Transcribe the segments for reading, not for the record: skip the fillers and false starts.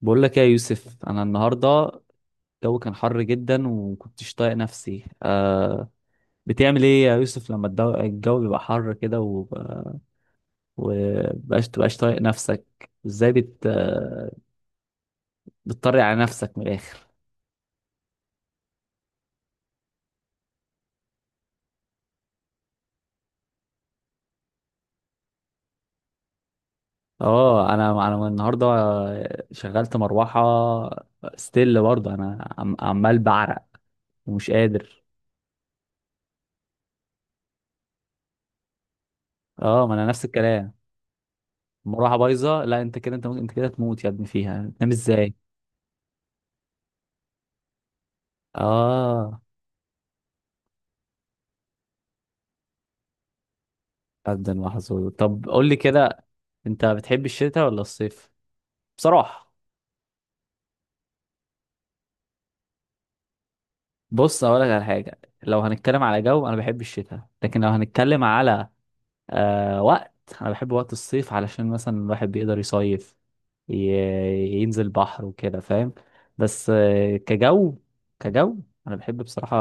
بقول لك إيه يا يوسف، انا النهارده الجو كان حر جدا وكنتش طايق نفسي. بتعمل ايه يا يوسف لما الجو بيبقى حر كده تبقاش طايق نفسك ازاي بت آه، بتطري على نفسك من الاخر؟ اه، انا النهارده شغلت مروحه، ستيل برضه انا عمال بعرق ومش قادر. اه، ما انا نفس الكلام. المروحه بايظه، لا انت كده، انت ممكن انت كده تموت يا ابني، فيها تنام ازاي؟ اه، قد المحظوظ. طب قول لي كده، انت بتحب الشتاء ولا الصيف بصراحة؟ بص اقول لك على حاجة، لو هنتكلم على جو انا بحب الشتاء، لكن لو هنتكلم على وقت انا بحب وقت الصيف علشان مثلا الواحد بيقدر يصيف، ي- ينزل بحر وكده فاهم. بس كجو انا بحب بصراحة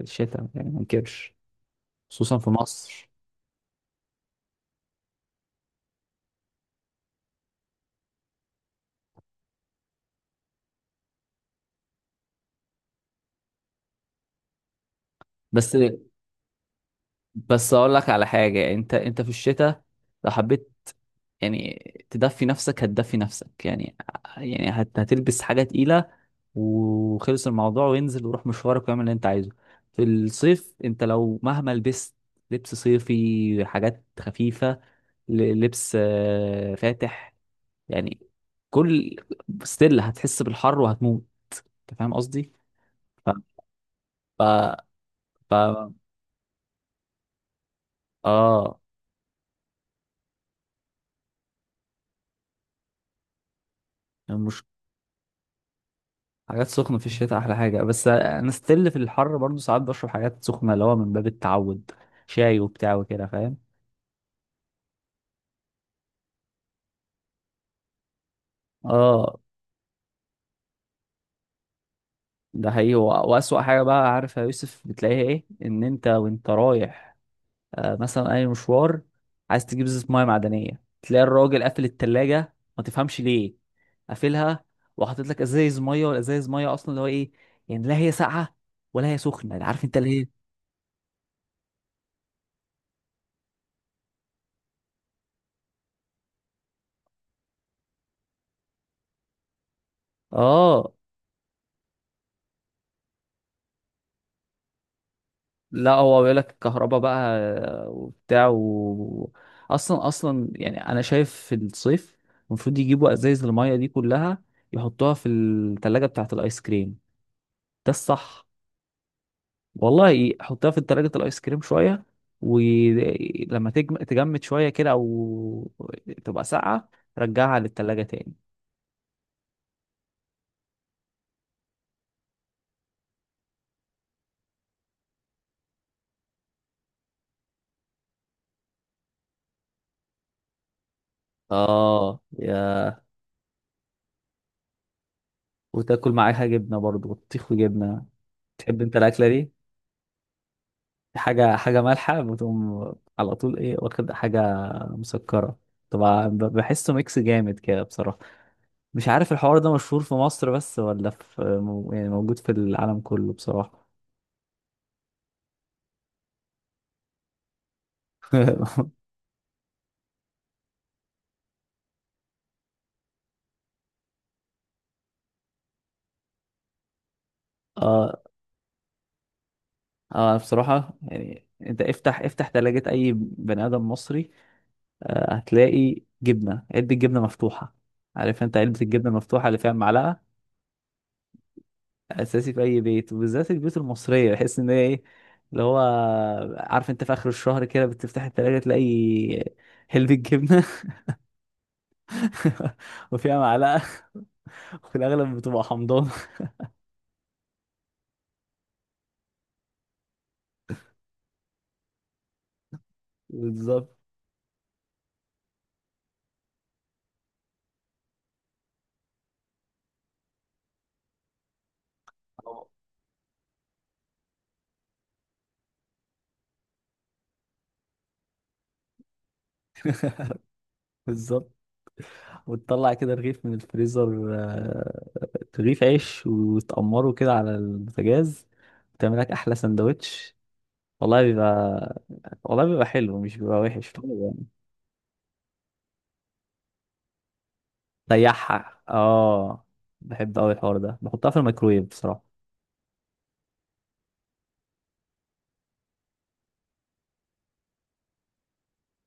الشتاء، يعني ما انكرش، خصوصا في مصر. بس بس اقول لك على حاجة، انت في الشتاء لو حبيت يعني تدفي نفسك هتدفي نفسك يعني، يعني هتلبس حاجة تقيلة وخلص الموضوع، وانزل وروح مشوارك واعمل اللي انت عايزه. في الصيف، انت لو مهما لبست لبس صيفي حاجات خفيفة، لبس فاتح يعني، كل ستيل هتحس بالحر وهتموت. انت فاهم قصدي؟ ف... ف... ف... اه، حاجات سخنة في الشتاء أحلى حاجة، بس أنا ستيل في الحر برضو ساعات بشرب حاجات سخنة، اللي هو من باب التعود، شاي وبتاع وكده فاهم. اه، ده حقيقي، وأسوأ حاجة بقى عارف يا يوسف بتلاقيها إيه؟ إن أنت وأنت رايح مثلا أي مشوار، عايز تجيب زيت، مية معدنية، تلاقي الراجل قافل التلاجة ما تفهمش ليه قافلها، وحاطط لك ازايز مية، والازايز مية أصلا اللي هو إيه يعني، لا هي ساقعة ولا هي سخنة، عارف أنت اللي هي. اه، لا هو بيقول لك الكهرباء بقى، وبتاع اصلا يعني انا شايف في الصيف المفروض يجيبوا ازايز المية دي كلها يحطوها في التلاجة بتاعة الايس كريم، ده الصح. والله حطها في تلاجة الايس كريم شوية، ولما تجمد شوية كده او تبقى ساقعة رجعها للتلاجة تاني. اه وتاكل معاها جبنة برضو، بطيخ وجبنة. تحب انت الاكلة دي؟ حاجة مالحة بتقوم على طول، ايه واخد حاجة مسكرة، طبعا، بحسه ميكس جامد كده بصراحة. مش عارف الحوار ده مشهور في مصر بس ولا في يعني موجود في العالم كله بصراحة. اه، اه، بصراحة يعني انت افتح تلاجة اي بني ادم مصري، هتلاقي جبنة، علبة جبنة مفتوحة، عارف انت علبة الجبنة المفتوحة اللي فيها المعلقة. اساسي في اي بيت، وبالذات البيوت المصريه، بحس ان هي ايه اللي هو، عارف انت في اخر الشهر كده بتفتح التلاجة تلاقي حلبة جبنه وفيها معلقه، وفي الاغلب بتبقى حمضان. بالظبط بالظبط. وتطلع كده رغيف من الفريزر، رغيف عيش وتقمره كده على البوتاجاز، وتعمل لك احلى سندوتش. والله بيبقى والله بيبقى حلو، مش بيبقى وحش. ريحها، اه، بحب قوي الحوار ده، بحطها في الميكرويف بصراحه.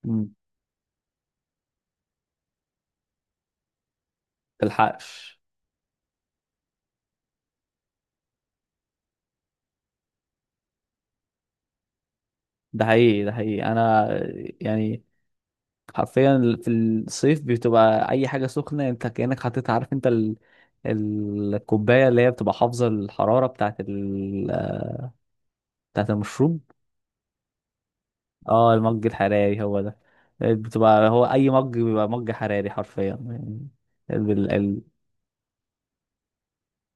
مم. تلحقش. ده حقيقي، انا يعني حرفيا في الصيف بتبقى اي حاجه سخنه انت كانك حطيتها، عارف انت الكوبايه اللي هي بتبقى حافظه الحراره بتاعت بتاعت المشروب. اه، المج الحراري هو ده، بتبقى هو اي مج بيبقى مج حراري حرفيا يعني ال... ال...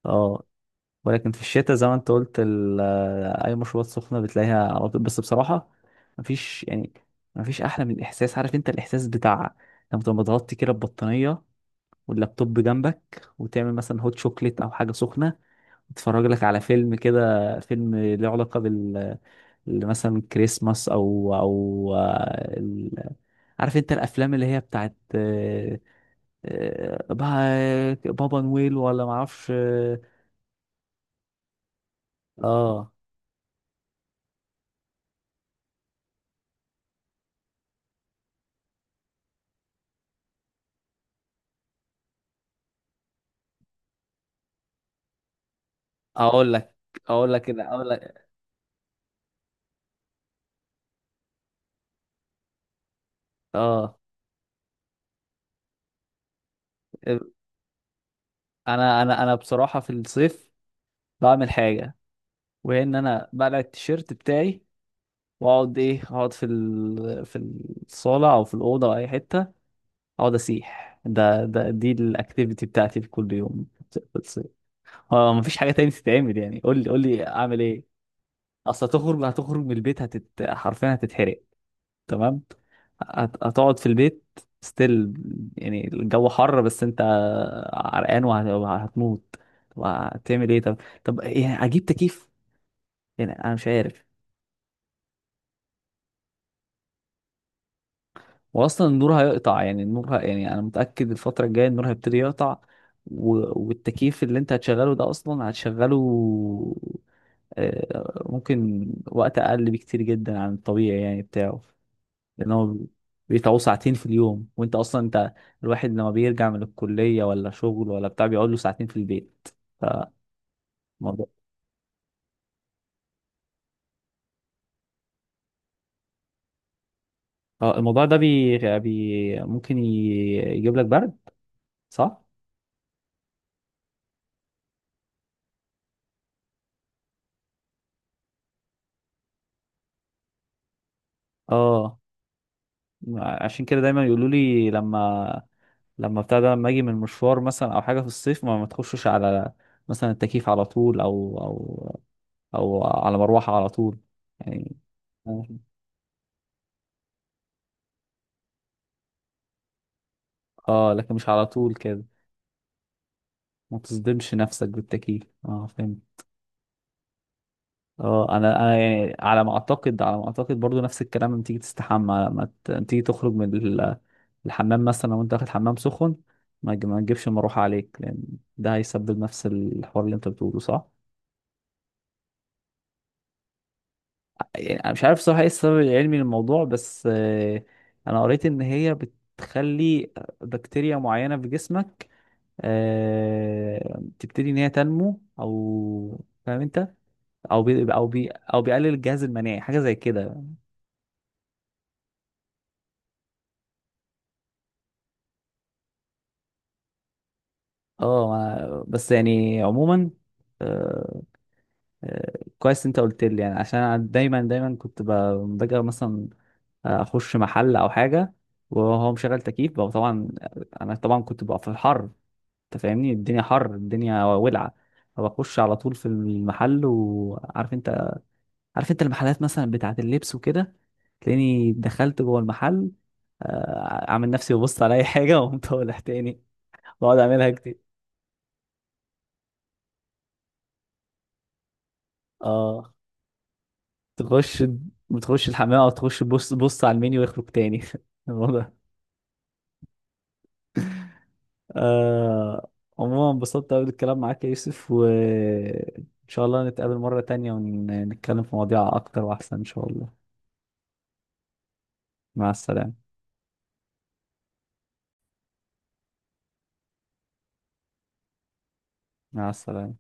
اه. ولكن في الشتاء زي ما انت قلت، اي مشروبات سخنه بتلاقيها على طول، بس بصراحه مفيش يعني مفيش احلى من الاحساس، عارف انت الاحساس بتاع لما تبقى متغطي كده ببطانيه، واللابتوب جنبك، وتعمل مثلا هوت شوكليت او حاجه سخنه، وتتفرج لك على فيلم كده، فيلم له علاقه بال، اللي مثلا كريسماس او عارف انت الافلام اللي هي بتاعت بابا نويل ولا معرفش، اه. آه. اقول لك اقول لك كده اقول لك. اه، انا بصراحه في الصيف بعمل حاجه، وهي ان انا بقلع التيشيرت بتاعي واقعد ايه اقعد في الصاله او في الاوضه او اي حته اقعد اسيح. ده ده دي الاكتيفيتي بتاعتي في كل يوم في الصيف. اه، مفيش حاجه تاني تتعمل يعني، قول لي اعمل ايه. اصل هتخرج، من البيت حرفيا هتتحرق. تمام، هتقعد في البيت ستيل، يعني الجو حر، بس انت عرقان وهتموت. طب هتعمل ايه؟ طب يعني اجيب تكييف، يعني انا مش عارف. واصلا النور هيقطع، يعني النور يعني انا متأكد الفترة الجاية النور هيبتدي يقطع و... والتكييف اللي انت هتشغله ده اصلا هتشغله ممكن وقت اقل بكتير جدا عن الطبيعي يعني بتاعه، لان هو بيتعوه ساعتين في اليوم، وانت اصلا انت الواحد لما بيرجع من الكليه ولا شغل ولا بتاع بيقعد له ساعتين في البيت. فالموضوع، اه، الموضوع ده ممكن يجيب لك برد، صح؟ اه، عشان كده دايما يقولوا لي لما، بتاع ده، لما اجي من مشوار مثلا او حاجه في الصيف ما تخشش على مثلا التكييف على طول، او على مروحه على طول يعني. اه، لكن مش على طول كده، ما تصدمش نفسك بالتكييف، اه، فهمت. اه، انا يعني على ما اعتقد، برضو نفس الكلام لما تيجي تستحمى، لما تيجي تخرج من الحمام مثلا. لو انت واخد حمام سخن ما تجيبش المروحه عليك، لان ده هيسبب نفس الحوار اللي انت بتقوله، صح؟ يعني انا مش عارف صراحه ايه السبب العلمي للموضوع، بس انا قريت ان هي بتخلي بكتيريا معينه في جسمك تبتدي ان هي تنمو، او فاهم انت، او بيقلل الجهاز المناعي، حاجه زي كده. اه بس يعني عموما، آه، آه، كويس انت قلت لي، يعني عشان انا دايما كنت باجي مثلا اخش محل او حاجه، وهو مشغل تكييف بقى، طبعا انا طبعا كنت بقى في الحر، انت فاهمني، الدنيا حر، الدنيا ولعه. فبخش على طول في المحل، وعارف انت المحلات مثلا بتاعه اللبس وكده، تلاقيني دخلت جوه المحل، اعمل نفسي ببص على اي حاجه وقمت طالع تاني. بقعد اعملها كتير. اه، تخش بتخش الحمام او تخش، بص بص على المنيو ويخرج تاني. الموضوع آه عموما انبسطت قوي بالكلام معاك يا يوسف، وان شاء الله نتقابل مرة تانية ونتكلم في مواضيع اكتر واحسن ان شاء الله. مع السلامة. مع السلامة.